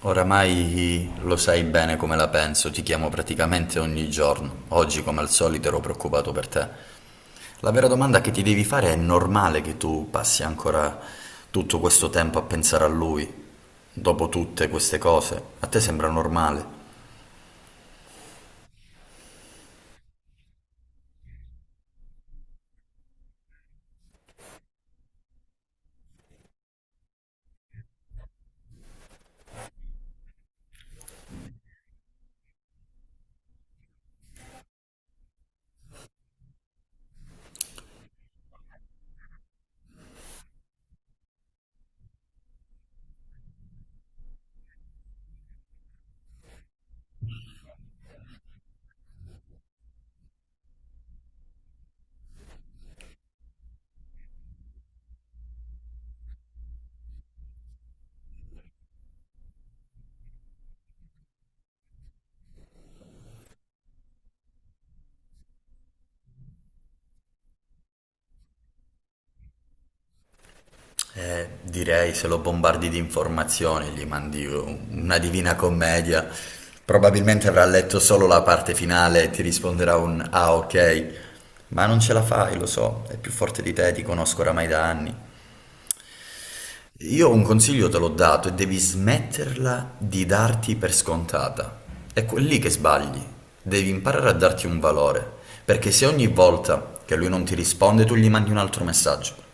Oramai lo sai bene come la penso, ti chiamo praticamente ogni giorno. Oggi, come al solito, ero preoccupato per te. La vera domanda che ti devi fare è normale che tu passi ancora tutto questo tempo a pensare a lui, dopo tutte queste cose? A te sembra normale? Direi se lo bombardi di informazioni, gli mandi una Divina Commedia, probabilmente avrà letto solo la parte finale e ti risponderà un ah ok, ma non ce la fai, lo so, è più forte di te, ti conosco oramai da anni. Io un consiglio te l'ho dato e devi smetterla di darti per scontata. È quel lì che sbagli, devi imparare a darti un valore, perché se ogni volta che lui non ti risponde tu gli mandi un altro messaggio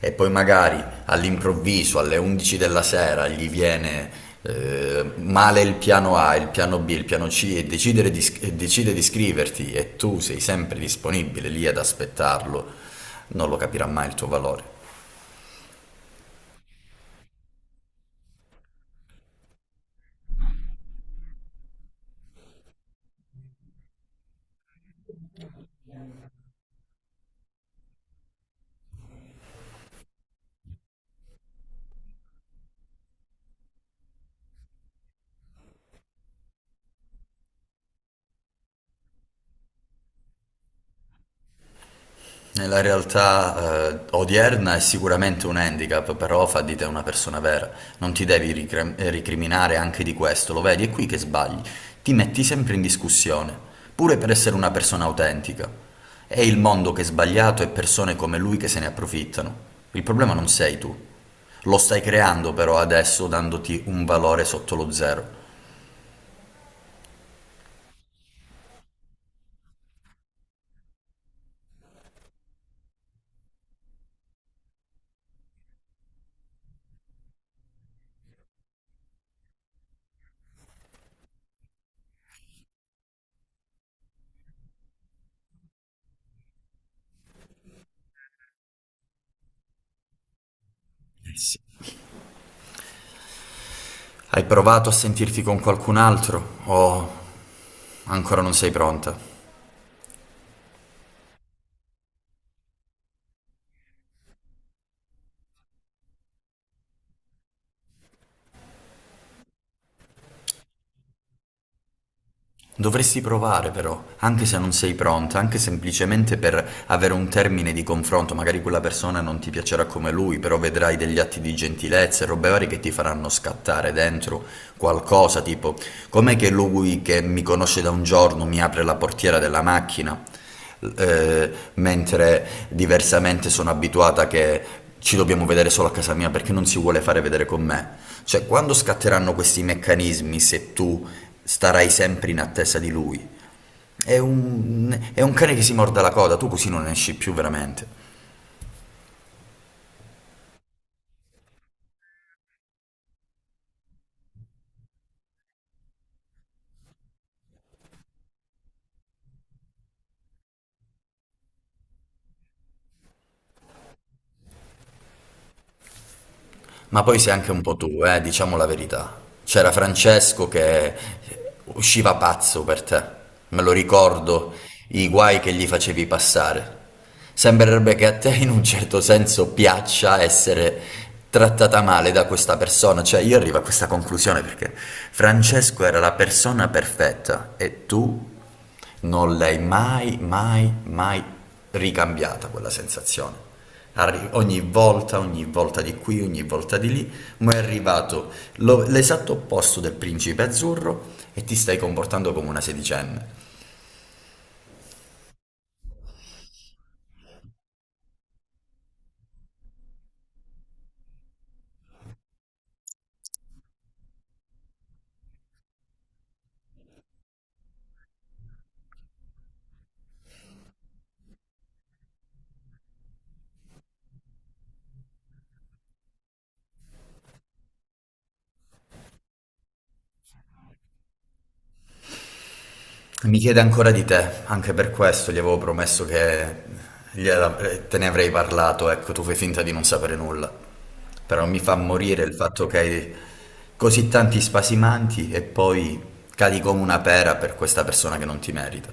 e poi magari all'improvviso alle 11 della sera gli viene male il piano A, il piano B, il piano C e, decidere di, e decide di iscriverti e tu sei sempre disponibile lì ad aspettarlo, non lo capirà mai il tuo valore. Nella realtà odierna è sicuramente un handicap, però fa di te una persona vera. Non ti devi ricriminare anche di questo, lo vedi, è qui che sbagli. Ti metti sempre in discussione, pure per essere una persona autentica. È il mondo che è sbagliato e persone come lui che se ne approfittano. Il problema non sei tu. Lo stai creando però adesso dandoti un valore sotto lo zero. Hai provato a sentirti con qualcun altro o ancora non sei pronta? Dovresti provare però, anche se non sei pronta, anche semplicemente per avere un termine di confronto, magari quella persona non ti piacerà come lui, però vedrai degli atti di gentilezza e robe varie che ti faranno scattare dentro qualcosa, tipo com'è che lui che mi conosce da un giorno mi apre la portiera della macchina? Mentre diversamente sono abituata che ci dobbiamo vedere solo a casa mia perché non si vuole fare vedere con me. Cioè, quando scatteranno questi meccanismi se tu starai sempre in attesa di lui? È un cane che si morde la coda, tu così non esci più veramente. Ma poi sei anche un po' tu, diciamo la verità. C'era Francesco che usciva pazzo per te, me lo ricordo, i guai che gli facevi passare. Sembrerebbe che a te in un certo senso piaccia essere trattata male da questa persona, cioè io arrivo a questa conclusione perché Francesco era la persona perfetta e tu non l'hai mai, mai, mai ricambiata quella sensazione. Ogni volta, ogni volta di qui, ogni volta di lì, ma è arrivato l'esatto opposto del principe azzurro e ti stai comportando come una sedicenne. Mi chiede ancora di te, anche per questo gli avevo promesso che te ne avrei parlato, ecco, tu fai finta di non sapere nulla. Però mi fa morire il fatto che hai così tanti spasimanti e poi cadi come una pera per questa persona che non ti merita.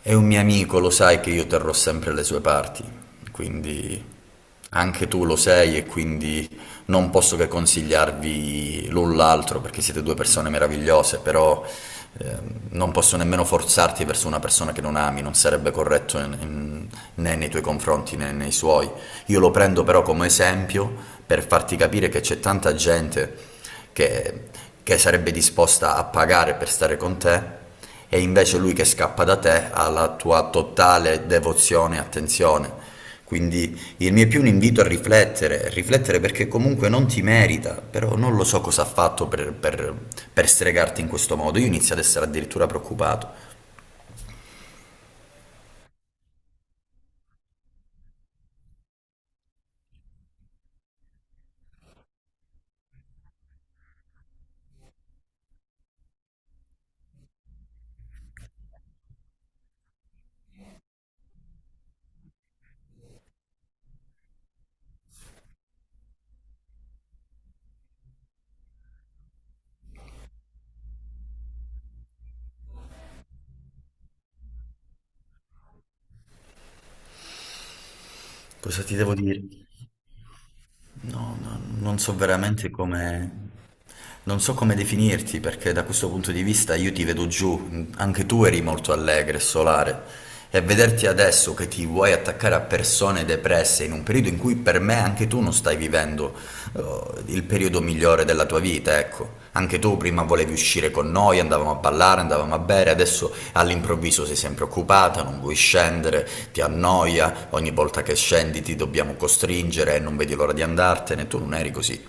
È un mio amico, lo sai che io terrò sempre le sue parti, quindi anche tu lo sei e quindi non posso che consigliarvi l'un l'altro perché siete due persone meravigliose, però ehm, non posso nemmeno forzarti verso una persona che non ami, non sarebbe corretto né nei tuoi confronti né nei suoi. Io lo prendo però come esempio per farti capire che c'è tanta gente che, che sarebbe disposta a pagare per stare con te è invece lui che scappa da te alla tua totale devozione e attenzione. Quindi il mio è più un invito a riflettere, riflettere perché comunque non ti merita, però non lo so cosa ha fatto per stregarti in questo modo. Io inizio ad essere addirittura preoccupato. Cosa ti devo dire? No, no, non so veramente come... Non so come definirti perché da questo punto di vista io ti vedo giù, anche tu eri molto allegra e solare e vederti adesso che ti vuoi attaccare a persone depresse in un periodo in cui per me anche tu non stai vivendo eh, il periodo migliore della tua vita, ecco. Anche tu prima volevi uscire con noi, andavamo a ballare, andavamo a bere, adesso all'improvviso sei sempre occupata, non vuoi scendere, ti annoia, ogni volta che scendi ti dobbiamo costringere e non vedi l'ora di andartene, tu non eri così.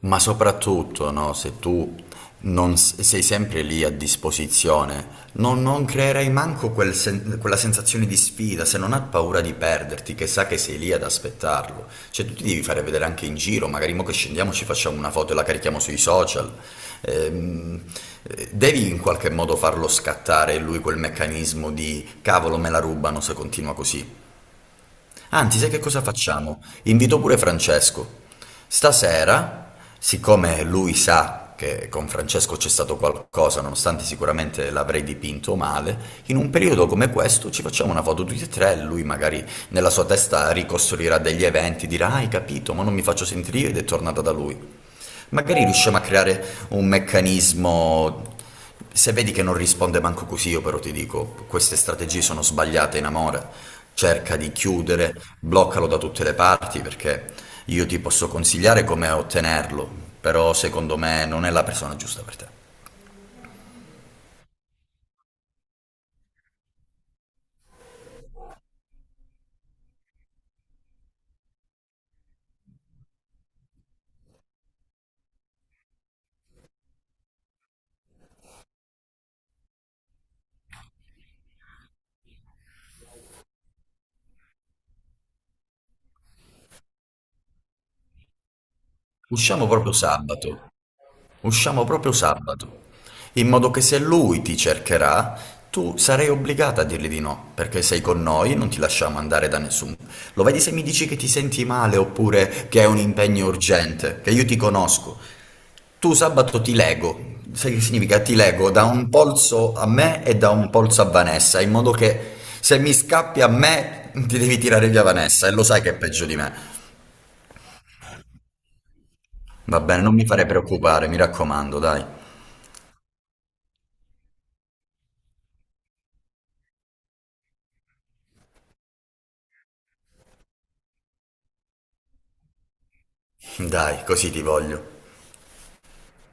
Ma soprattutto, no, se tu non s- sei sempre lì a disposizione, non creerai manco quel quella sensazione di sfida, se non ha paura di perderti, che sa che sei lì ad aspettarlo. Cioè, tu ti devi fare vedere anche in giro, magari mo che scendiamo ci facciamo una foto e la carichiamo sui social. Ehm, Devi in qualche modo farlo scattare lui quel meccanismo di cavolo, me la rubano se continua così. Anzi, sai che cosa facciamo? Invito pure Francesco. Stasera, siccome lui sa che con Francesco c'è stato qualcosa, nonostante sicuramente l'avrei dipinto male, in un periodo come questo ci facciamo una foto tutti e tre, lui magari nella sua testa ricostruirà degli eventi, dirà, "Ah, hai capito, ma non mi faccio sentire ed è tornata da lui. Magari riusciamo a creare un meccanismo. Se vedi che non risponde manco così, io però ti dico, queste strategie sono sbagliate in amore. Cerca di chiudere, bloccalo da tutte le parti perché io ti posso consigliare come ottenerlo, però secondo me non è la persona giusta per te. Usciamo proprio sabato. Usciamo proprio sabato, in modo che se lui ti cercherà, tu sarai obbligata a dirgli di no, perché sei con noi, non ti lasciamo andare da nessuno. Lo vedi se mi dici che ti senti male oppure che hai un impegno urgente, che io ti conosco. Tu sabato ti lego, sai che significa? Ti lego da un polso a me e da un polso a Vanessa, in modo che se mi scappi a me ti devi tirare via Vanessa e lo sai che è peggio di me. Va bene, non mi fare preoccupare, mi raccomando, dai. Dai, così ti voglio.